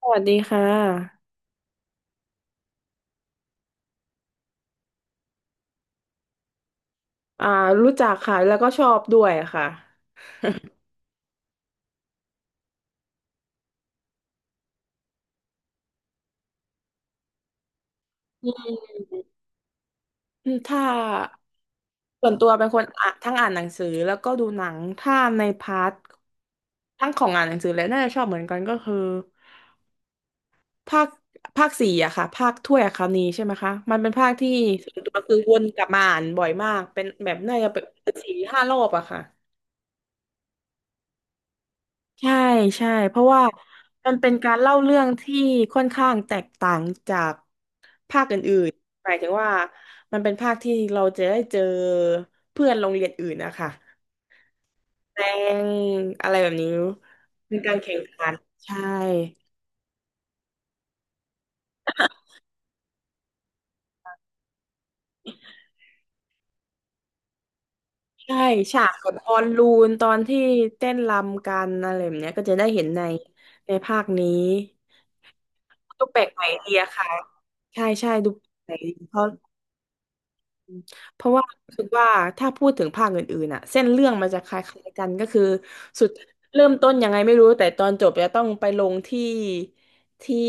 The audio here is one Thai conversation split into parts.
สวัสดีค่ะอ่ารู้จักค่ะ แล้วก็ชอบด้วยค่ะอืมถ้าส่วนตัวเป็นคนอ่ะทั้งอ่านหนังสือแล้วก็ดูหนังถ้าในพาร์ททั้งของอ่านหนังสือและน่าจะชอบเหมือนกันก็คือภาคภาคสี่อะค่ะภาคถ้วยอัคนีใช่ไหมคะมันเป็นภาคที่ส่วนตัวคือวนกลับมาอ่านบ่อยมากเป็นแบบน่าจะเป็นสี่ห้ารอบอะค่ะใช่ใช่เพราะว่ามันเป็นการเล่าเรื่องที่ค่อนข้างแตกต่างจาก ภาคอื่นๆหมายถึงว่ามันเป็นภาคที่เราจะได้เจอเพื่อนโรงเรียนอื่นนะคะแรงอะไรแบบนี้ เป็นการแข่งขัน ใช่ ใช่ฉากกับบอลลูนตอนที่เต้นรำกันอะไรแบบเนี้ยก็จะได้เห็นในภาคนี้ดูแปลกใหม่ดีอะค่ะ ใช่ใช่ดูแปลกใหม่ดีเพราะ เพราะว่ารู้สึกว่าถ้าพูดถึงภาคอื่นๆอ่ะเส้นเรื่องมันจะคล้ายๆกันก็คือสุดเริ่มต้นยังไงไม่รู้แต่ตอนจบจะต้องไปลงที่ที่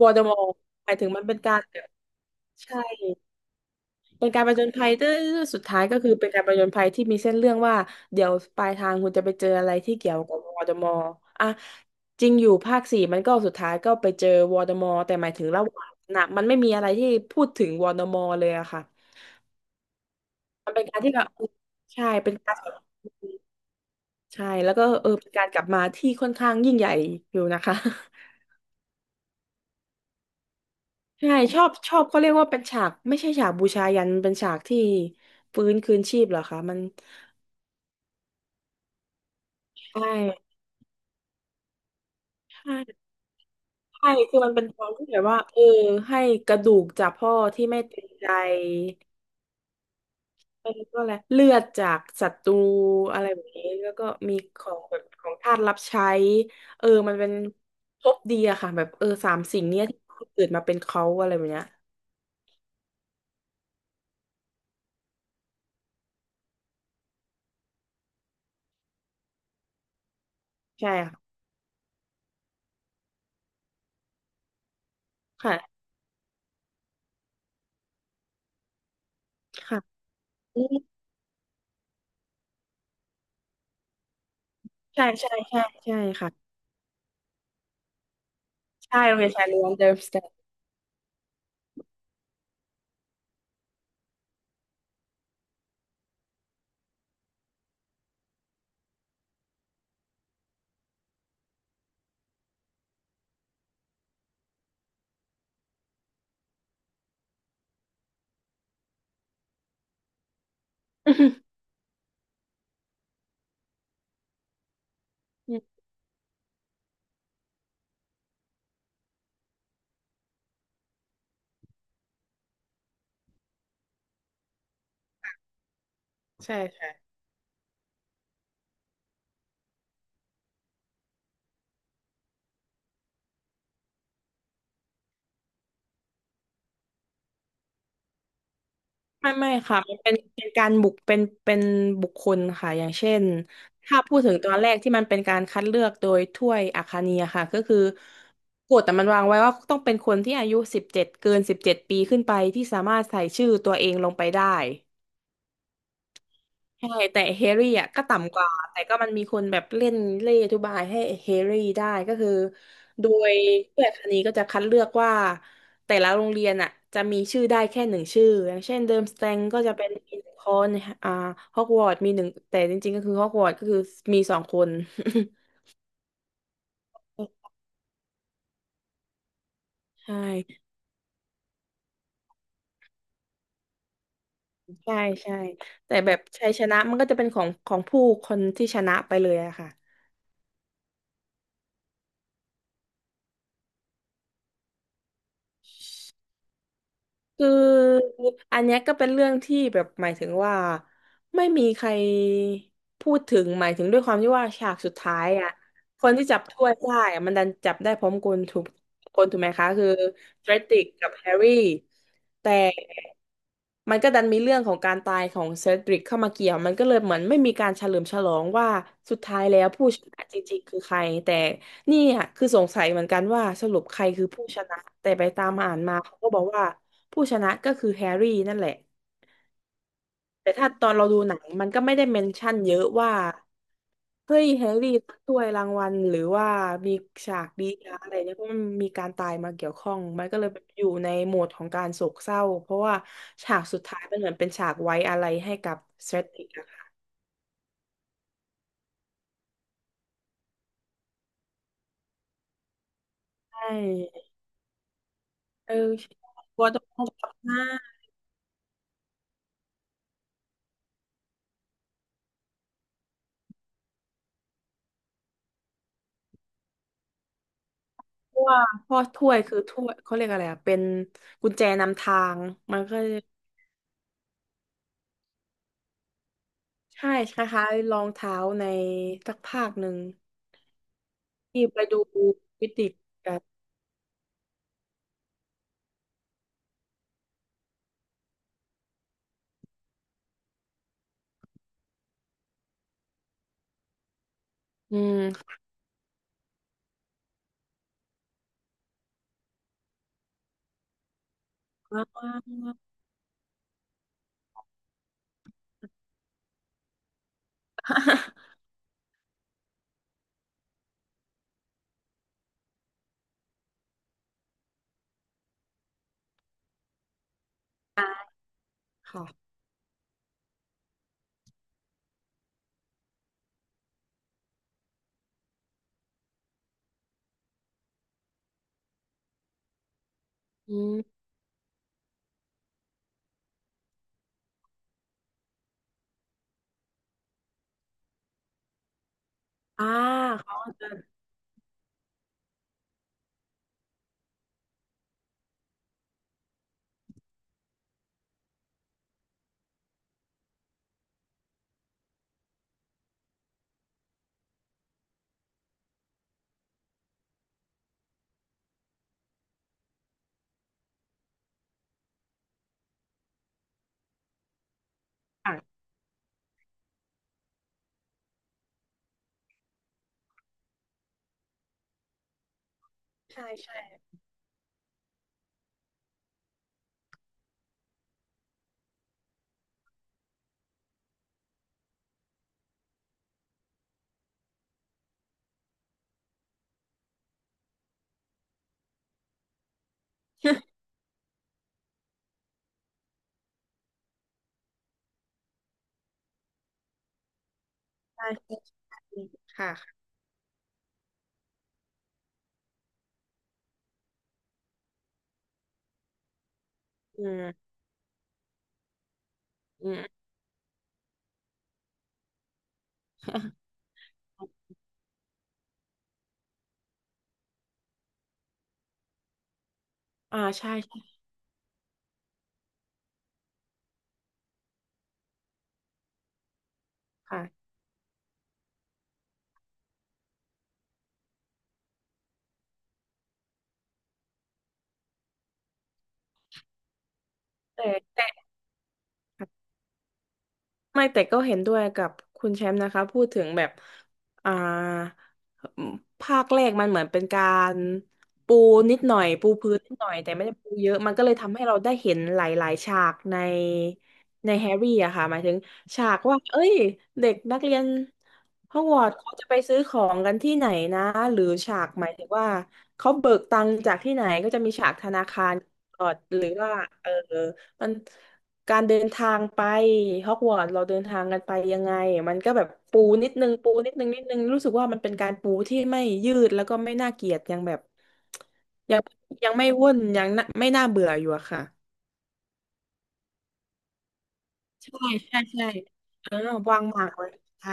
วอร์ดมอร์หมายถึงมันเป็นการแบบใช่เป็นการผจญภัยเรื่อยๆสุดท้ายก็คือเป็นการผจญภัยที่มีเส้นเรื่องว่าเดี๋ยวปลายทางคุณจะไปเจออะไรที่เกี่ยวกับวอร์ดมอร์อ่ะจริงอยู่ภาคสี่มันก็สุดท้ายก็ไปเจอวอร์ดมอร์แต่หมายถึงระหว่างน่ะมันไม่มีอะไรที่พูดถึงวอร์ดมอร์เลยอะค่ะ มันเป็นการที่แบบใช่เป็นการใช่แล้วก็เออเป็นการกลับมาที่ค่อนข้างยิ่งใหญ่อยู่นะคะ ใช่ชอบชอบเขาเรียกว่าเป็นฉากไม่ใช่ฉากบูชายันเป็นฉากที่ฟื้นคืนชีพเหรอคะมันใช่ใช่ใช่คือมันเป็นตอนที่แบบว่าเออให้กระดูกจากพ่อที่ไม่เต็มใจ แล้วก็อะไรเลือดจากศัตรูอะไรแบบนี้แล้วก็มีของแบบของทาสรับใช้เออมันเป็นครบดีอะค่ะแบบเออสามสิ่งเนี้ยที่เกิดมาเป็นเขาอะไรแบบเนี้ยใช่ค่ะค่ะค่ะอืมใช่ใช่ใช่ใช่ค่ะใช่โรงเรียนชายล้วนเดิมสแตนอืม ใช่ใช่ ไม่ค่ะมันเป็นการบุกเป็นบุคคลค่ะอย่างเช่นถ้าพูดถึงตอนแรกที่มันเป็นการคัดเลือกโดยถ้วยอัคนียค่ะก็คือกฎแต่มันวางไว้ว่าต้องเป็นคนที่อายุสิบเจ็ดเกิน17 ปีขึ้นไปที่สามารถใส่ชื่อตัวเองลงไปได้ ใช่แต่แฮร์รี่อ่ะก็ต่ำกว่าแต่ก็มันมีคนแบบเล่หอธิบายให้แฮร์รี่ได้ก็คือโดยผู้ใหญ่งนีก็จะคัดเลือกว่าแต่ละโรงเรียนอ่ะจะมีชื่อได้แค่หนึ่งชื่ออย่างเช่นเดิมสแตงก็จะเป็นมีหนึ่งคนอ่าฮอกวอตส์มีหนึ่งแต่จริงๆก็คือฮอกวอตส์ก็คือมีสองคน ใช่ใช่ใช่แต่แบบชัยชนะมันก็จะเป็นของผู้คนที่ชนะไปเลยอะค่ะ คืออันเนี้ยก็เป็นเรื่องที่แบบหมายถึงว่าไม่มีใครพูดถึงหมายถึงด้วยความที่ว่าฉากสุดท้ายอ่ะคนที่จับถ้วยได้อะมันดันจับได้พร้อมกันถูกคนถูกไหมคะคือเดรติกกับแฮร์รี่แต่มันก็ดันมีเรื่องของการตายของเซดริกเข้ามาเกี่ยวมันก็เลยเหมือนไม่มีการเฉลิมฉลองว่าสุดท้ายแล้วผู้ชนะจริงๆคือใครแต่ นี่อ่ะคือสงสัยเหมือนกันว่าสรุปใครคือผู้ชนะแต่ไปตามอ่านมาเขาก็บอกว่าผู้ชนะก็คือแฮร์รี่นั่นแหละแต่ถ้าตอนเราดูหนังมันก็ไม่ได้เมนชั่นเยอะว่าเฮ้ยแฮร์รี่ถ้วยรางวัลหรือว่ามีฉากดีอะไรเนี่ยเพราะมันมีการตายมาเกี่ยวข้องมันก็เลยอยู่ในโหมดของการโศกเศร้าเพราะว่าฉากสุดท้ายมันเหมือนเป็นฉากไว้อะไรให้กับเซดริกอะค่ะใช่เออว่าต้องทำหน้า เพราะว่าพ่อถ้วยคือถ้วยเขาเรียกอะไรอะเป็นกุญแจนำทางมันก็ใช่คล้ายๆรองเท้าในสักภาคหนึ่งที่ไปดูวิดิกกันอืมว้าวอ่าค่ะอืมอ่าเขาก็จะ อ่ะใช่ใช่ใช่ใช่ใช่ค่ะอืมอืมใช่ใช่ค่ะแต่แต่ ไม่แต่ก็เห็นด้วยกับคุณแชมป์นะคะพูดถึงแบบอ่าภาคแรกมันเหมือนเป็นการปูนิดหน่อยปูพื้นนิดหน่อยแต่ไม่ได้ปูเยอะมันก็เลยทำให้เราได้เห็นหลายๆฉากในแฮร์รี่อะค่ะหมายถึงฉากว่าเอ้ยเด็กนักเรียนฮอกวอตส์เขาจะไปซื้อของกันที่ไหนนะหรือฉากหมายถึงว่าเขาเบิกตังค์จากที่ไหนก็จะมีฉากธนาคารตลอดหรือว่าเออมัน การเดินทางไปฮอกวอตส์เราเดินทางกันไปยังไงมันก็แบบปูนิดนึงปูนิดนึงนิดนึงรู้สึกว่ามันเป็นการปูที่ไม่ยืดแล้วก็ไม่น่าเกลียดยังแบบยังยังไม่วุ่นยังน่าไม่น่าเบื่ออยู่อะค่ะใช่ใช่ใช่เออวางหมากไว้ใช่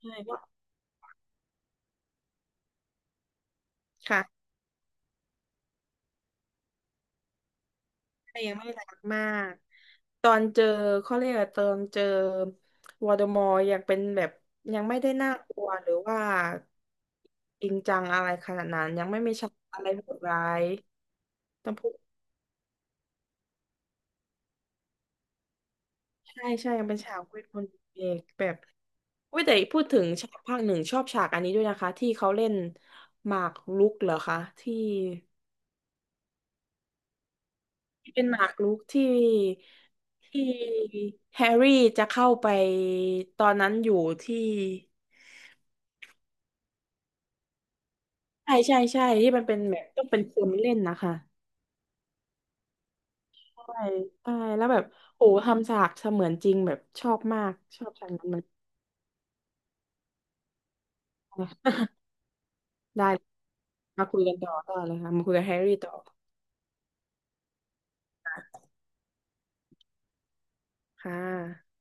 ใช่ว่าค่ะ ยังไม่รักมาก ตอนเจอเขาเรียกว่าตอนเจอวอลเดอมอร์ยังเป็นแบบยังไม่ได้น่ากลัวหรือว่าจริงจังอะไรขนาดนั้นยังไม่มีฉากอะไรโหดร้ายต้องพูดใช่ใช่ยังเป็นฉากคุยคนเอกแบบวิแต่พูดถึงฉากภาคหนึ่งชอบฉากอันนี้ด้วยนะคะที่เขาเล่นหมากรุกเหรอคะที่ที่เป็นหมากรุกที่แฮร์รี่จะเข้าไปตอนนั้นอยู่ที่ ใช่ใช่ใช่ที่มันเป็นแบบต้องเป็นคนเล่นนะคะใช่ใช่แล้วแบบโอ้ทำฉากเสมือนจริงแบบชอบมากชอบฉากนั้นมัน ได้เลยมาคุยกันต่อเลยค่ะมาคุยกับแฮร์รี่ต่อค่ะ